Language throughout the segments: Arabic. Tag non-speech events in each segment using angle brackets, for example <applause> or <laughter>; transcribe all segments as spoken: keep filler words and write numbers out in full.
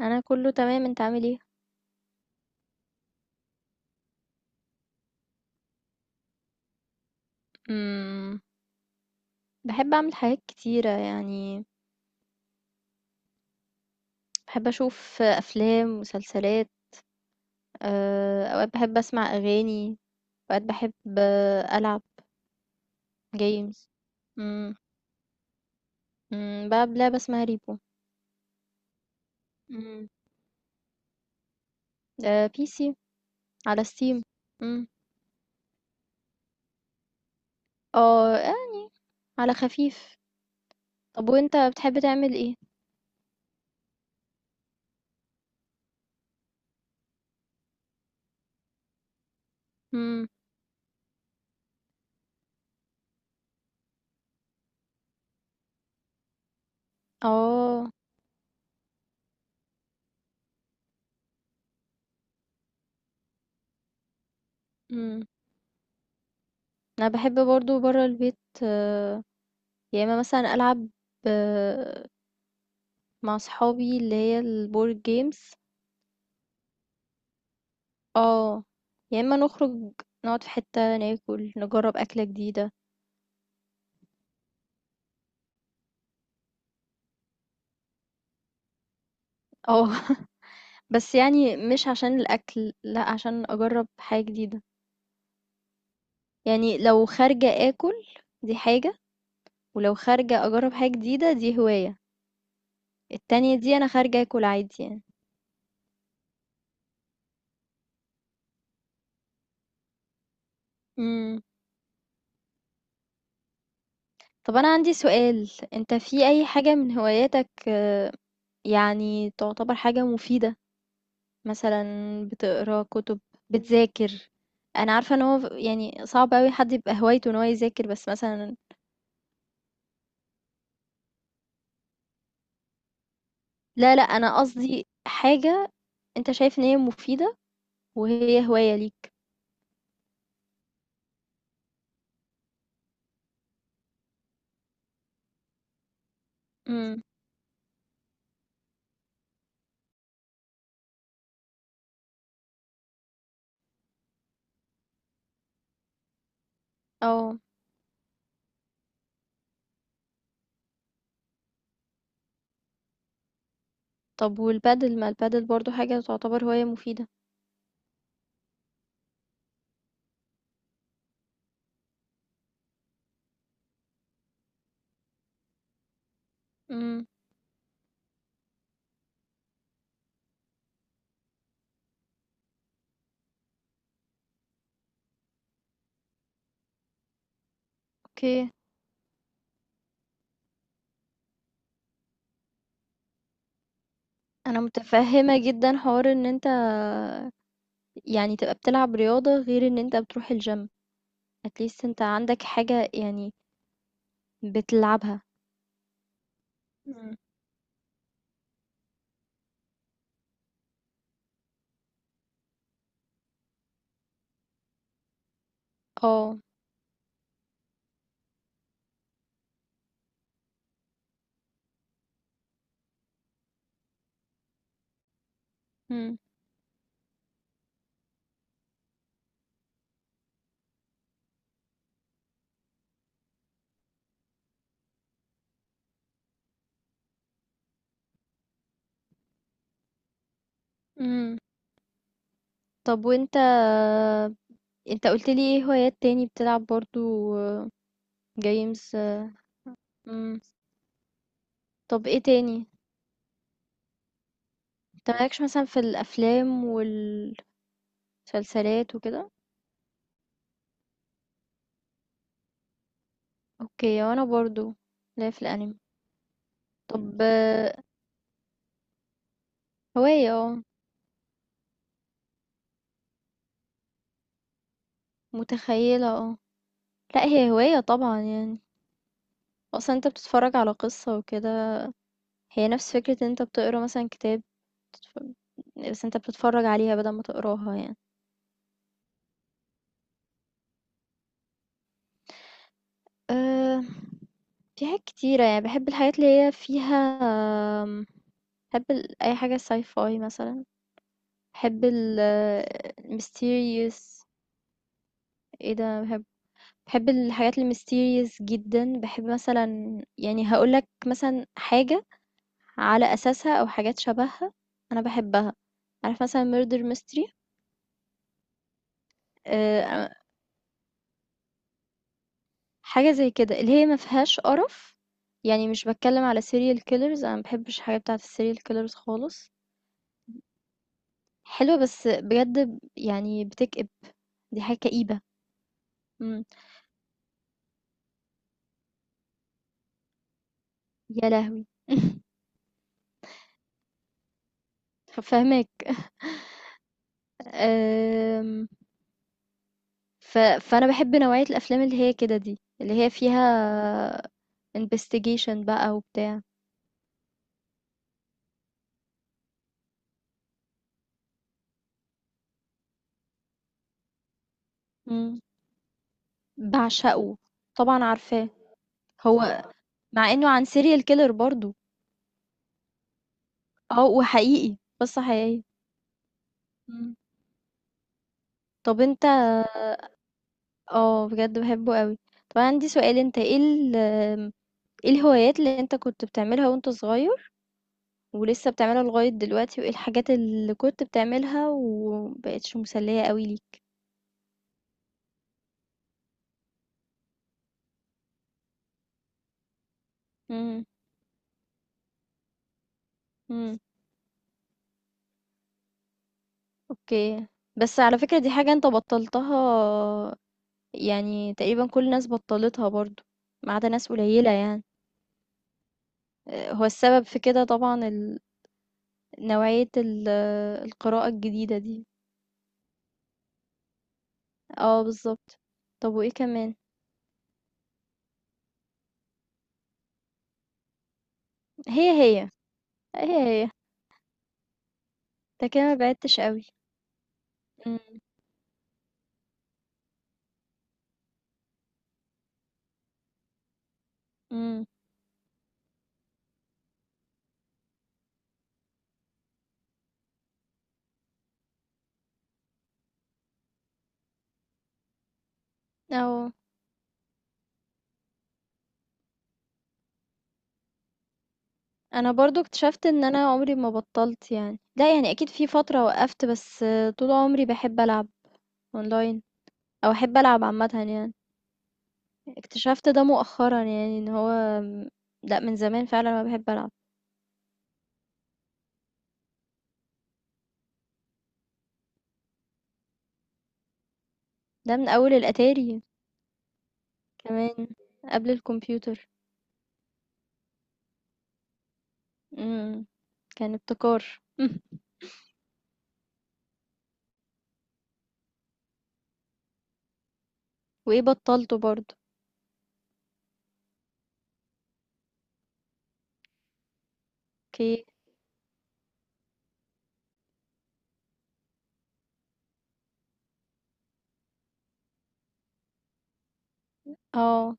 انا كله تمام. انت عامل ايه؟ امم بحب اعمل حاجات كتيره يعني. بحب اشوف افلام ومسلسلات. آه، اوقات بحب اسمع اغاني. اوقات بحب، آه، العب جيمز. امم أمم، بلعب لعبه اسمها ريبو. امم بي سي، على ستيم. امم اه، آه، على خفيف. طب وانت بتحب تعمل ايه؟ امم اه امم انا بحب برضو برا البيت. آه، يا اما مثلا العب، آه، مع صحابي اللي هي البورد جيمز. اه، يا اما نخرج، نقعد في حتة ناكل، نجرب أكلة جديدة. اه، <laughs> بس يعني مش عشان الأكل، لا، عشان أجرب حاجة جديدة. يعني لو خارجة أكل، دي حاجة، ولو خارجة أجرب حاجة جديدة، دي هواية. التانية دي أنا خارجة أكل عادي يعني. مم. طب أنا عندي سؤال، أنت في أي حاجة من هواياتك آه، يعني تعتبر حاجة مفيدة؟ مثلا بتقرا كتب، بتذاكر. انا عارفه ان هو يعني صعب قوي حد يبقى هوايته ان هو يذاكر، بس مثلا. لا، لا، انا قصدي حاجه انت شايف ان هي مفيده، وهي هوايه ليك. امم اه. طب والبادل، ما البادل برضو حاجه تعتبر هوايه مفيده؟ امم اوكي. انا متفهمه جدا حوار ان انت يعني تبقى بتلعب رياضه غير ان انت بتروح الجيم. اتليست انت عندك حاجه يعني بتلعبها. مم. اه. مم. مم. طب وانت، انت قلت لي ايه هوايات تاني بتلعب برضو؟ جيمز؟ مم. طب ايه تاني؟ انت مالكش مثلا في الافلام والمسلسلات وكده؟ اوكي، وانا برضو، لا، في الانمي. طب، آه، هواية، اه، متخيلة، اه. لا، هي هواية طبعا يعني. اصلا انت بتتفرج على قصة وكده، هي نفس فكرة ان انت بتقرا مثلا كتاب، بتتف- بس انت بتتفرج عليها بدل ما تقراها يعني. أه في حاجات كتيرة يعني، باحب الحاجات اللي هي فيها، آمم، باحب ال أي حاجة sci fi مثلًا. باحب ال mysterious، إيه ده، باحب، باحب الحاجات الmysterious جدًا. باحب مثلًا، يعني هاقول لك مثلًا حاجة على أساسها أو حاجات شبهها أنا باحبها. عارف مثلًا murder mystery؟ آآ، حاجة زي كده، اللي هي ما فيهاش قرف. يعني مش باتكلم على serial killers، أنا ما باحبش الحاجات بتاعة الserial killers خالص. حلوة، بس بجد ب- يعني بتكئب، دي حاجة كئيبة. مم. يا لهوي. <laughs> فاهمك. أم، ف... فأنا بحب نوعية الأفلام اللي هي كده، دي اللي هي فيها investigation بقى وبتاع. مم. بعشقه، طبعا عارفاه. هو مع انه عن سيريال كيلر برضو. اه، وحقيقي قصة حقيقية. مم. طب انت، اه، بجد بحبه قوي. طب أنا عندي سؤال، انت ايه ال... ايه الهوايات اللي انت كنت بتعملها وانت صغير ولسه بتعملها لغاية دلوقتي، وإيه الحاجات اللي كنت بتعملها ومبقتش مسلية قوي ليك؟ امم امم اوكي. بس على فكرة، دي حاجة انت بطلتها يعني تقريبا كل الناس بطلتها برضو، ما عدا ناس قليلة يعني. آه، هو السبب في كده طبعا ال... نوعية ال... القراءة الجديدة دي. اه، بالظبط. طب وايه كمان؟ هي، هي، هي، هي. انت كده ما بعدتش قوي. امم او أنا برضه اكتشفت إن أنا عمري ما بطّلت يعني. لأ، يعني أكيد في فترة وقّفت، بس طول عمري باحب ألعب online أو أحب ألعب عامةً يعني. اكتشفت ده مؤخرًا يعني، إن هو، م لأ، من زمان فعلًا وأنا باحب ألعب. ده من أول الأتاري، كمان، قبل الكمبيوتر. إمم، كان ابتكار. <laughs> وإيه بطّلته برضه؟ أوكي. آه،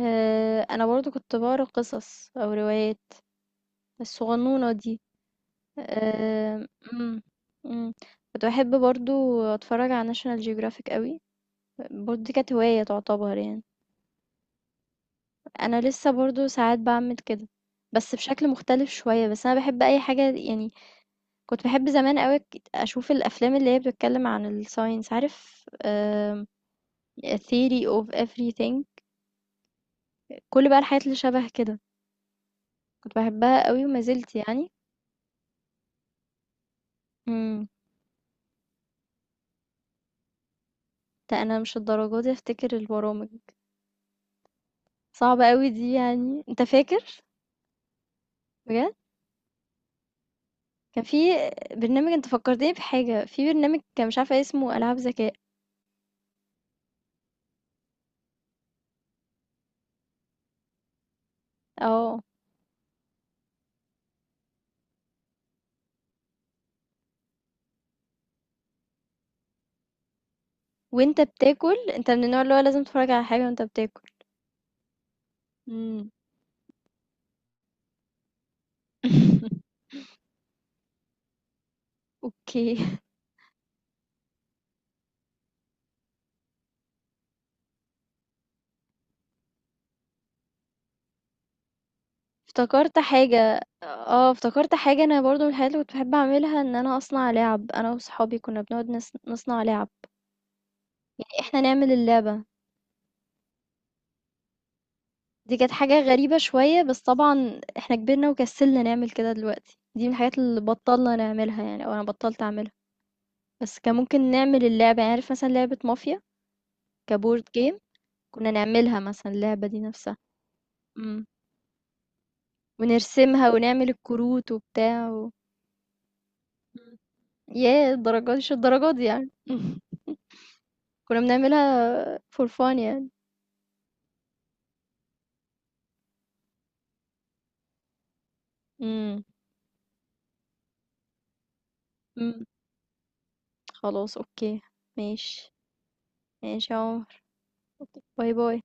آآ أنا برضه كنت باقرا قصص أو روايات الصغنونة دي. آه، مم، مم. كنت بحب برضو اتفرج على ناشونال جيوغرافيك قوي، برضو دي كانت هواية تعتبر يعني. انا لسه برضو ساعات بعمل كده، بس بشكل مختلف شوية. بس انا بحب اي حاجة يعني. كنت بحب زمان قوي ك- اشوف الافلام اللي هي بتتكلم عن الساينس، عارف، آم، theory of everything، كل بقى الحاجات اللي شبه كده. كنت بحبها قوي وما زلت يعني. امم ده انا مش الدرجة دي افتكر البرامج. صعبة قوي دي، يعني انت فاكر؟ بجد كان في برنامج، أنت فكّرتني بحاجة، في برنامج كان مش عارفة اسمه، ألعاب ذكاء. آه، وأنت بتاكل، أنت من النوع اللي هو لازم تتفرّج على حاجة وأنت بتاكل. إمم. <laughs> أوكي. افتكرت حاجة آه، افتكرت حاجة، أنا برضه من الحاجات اللي كنت باحب أعملها إن أنا أصنع لِعَب. أنا وصحابي كنا بنقعد نص نصنع لِعَب، يعني إحنا نعمل اللعبة. دي كانت حاجة غريبة شوية، بس طبعًا إحنا كبرنا وكسلنا نعمل كده دلوقتي. دي من الحاجات اللي بطّلنا نعملها، يعني أو أنا بطّلت أعملها. بس كان ممكن نعمل اللعبة، يعني عارف مثلا لعبة مافيا، كبورد جيم، كنا نعملها مثلا اللعبة دي نفسها. مم. ونرسمها ونعمل الكروت وبتاع و... مم. ياه، الدرجات، مش الدرجات دي يعني. <laughs> كنا بنعملها فور فان يعني. مم. مم. خلاص، اوكي. ماشي. ماشي يا عمر. أوكي. باي باي.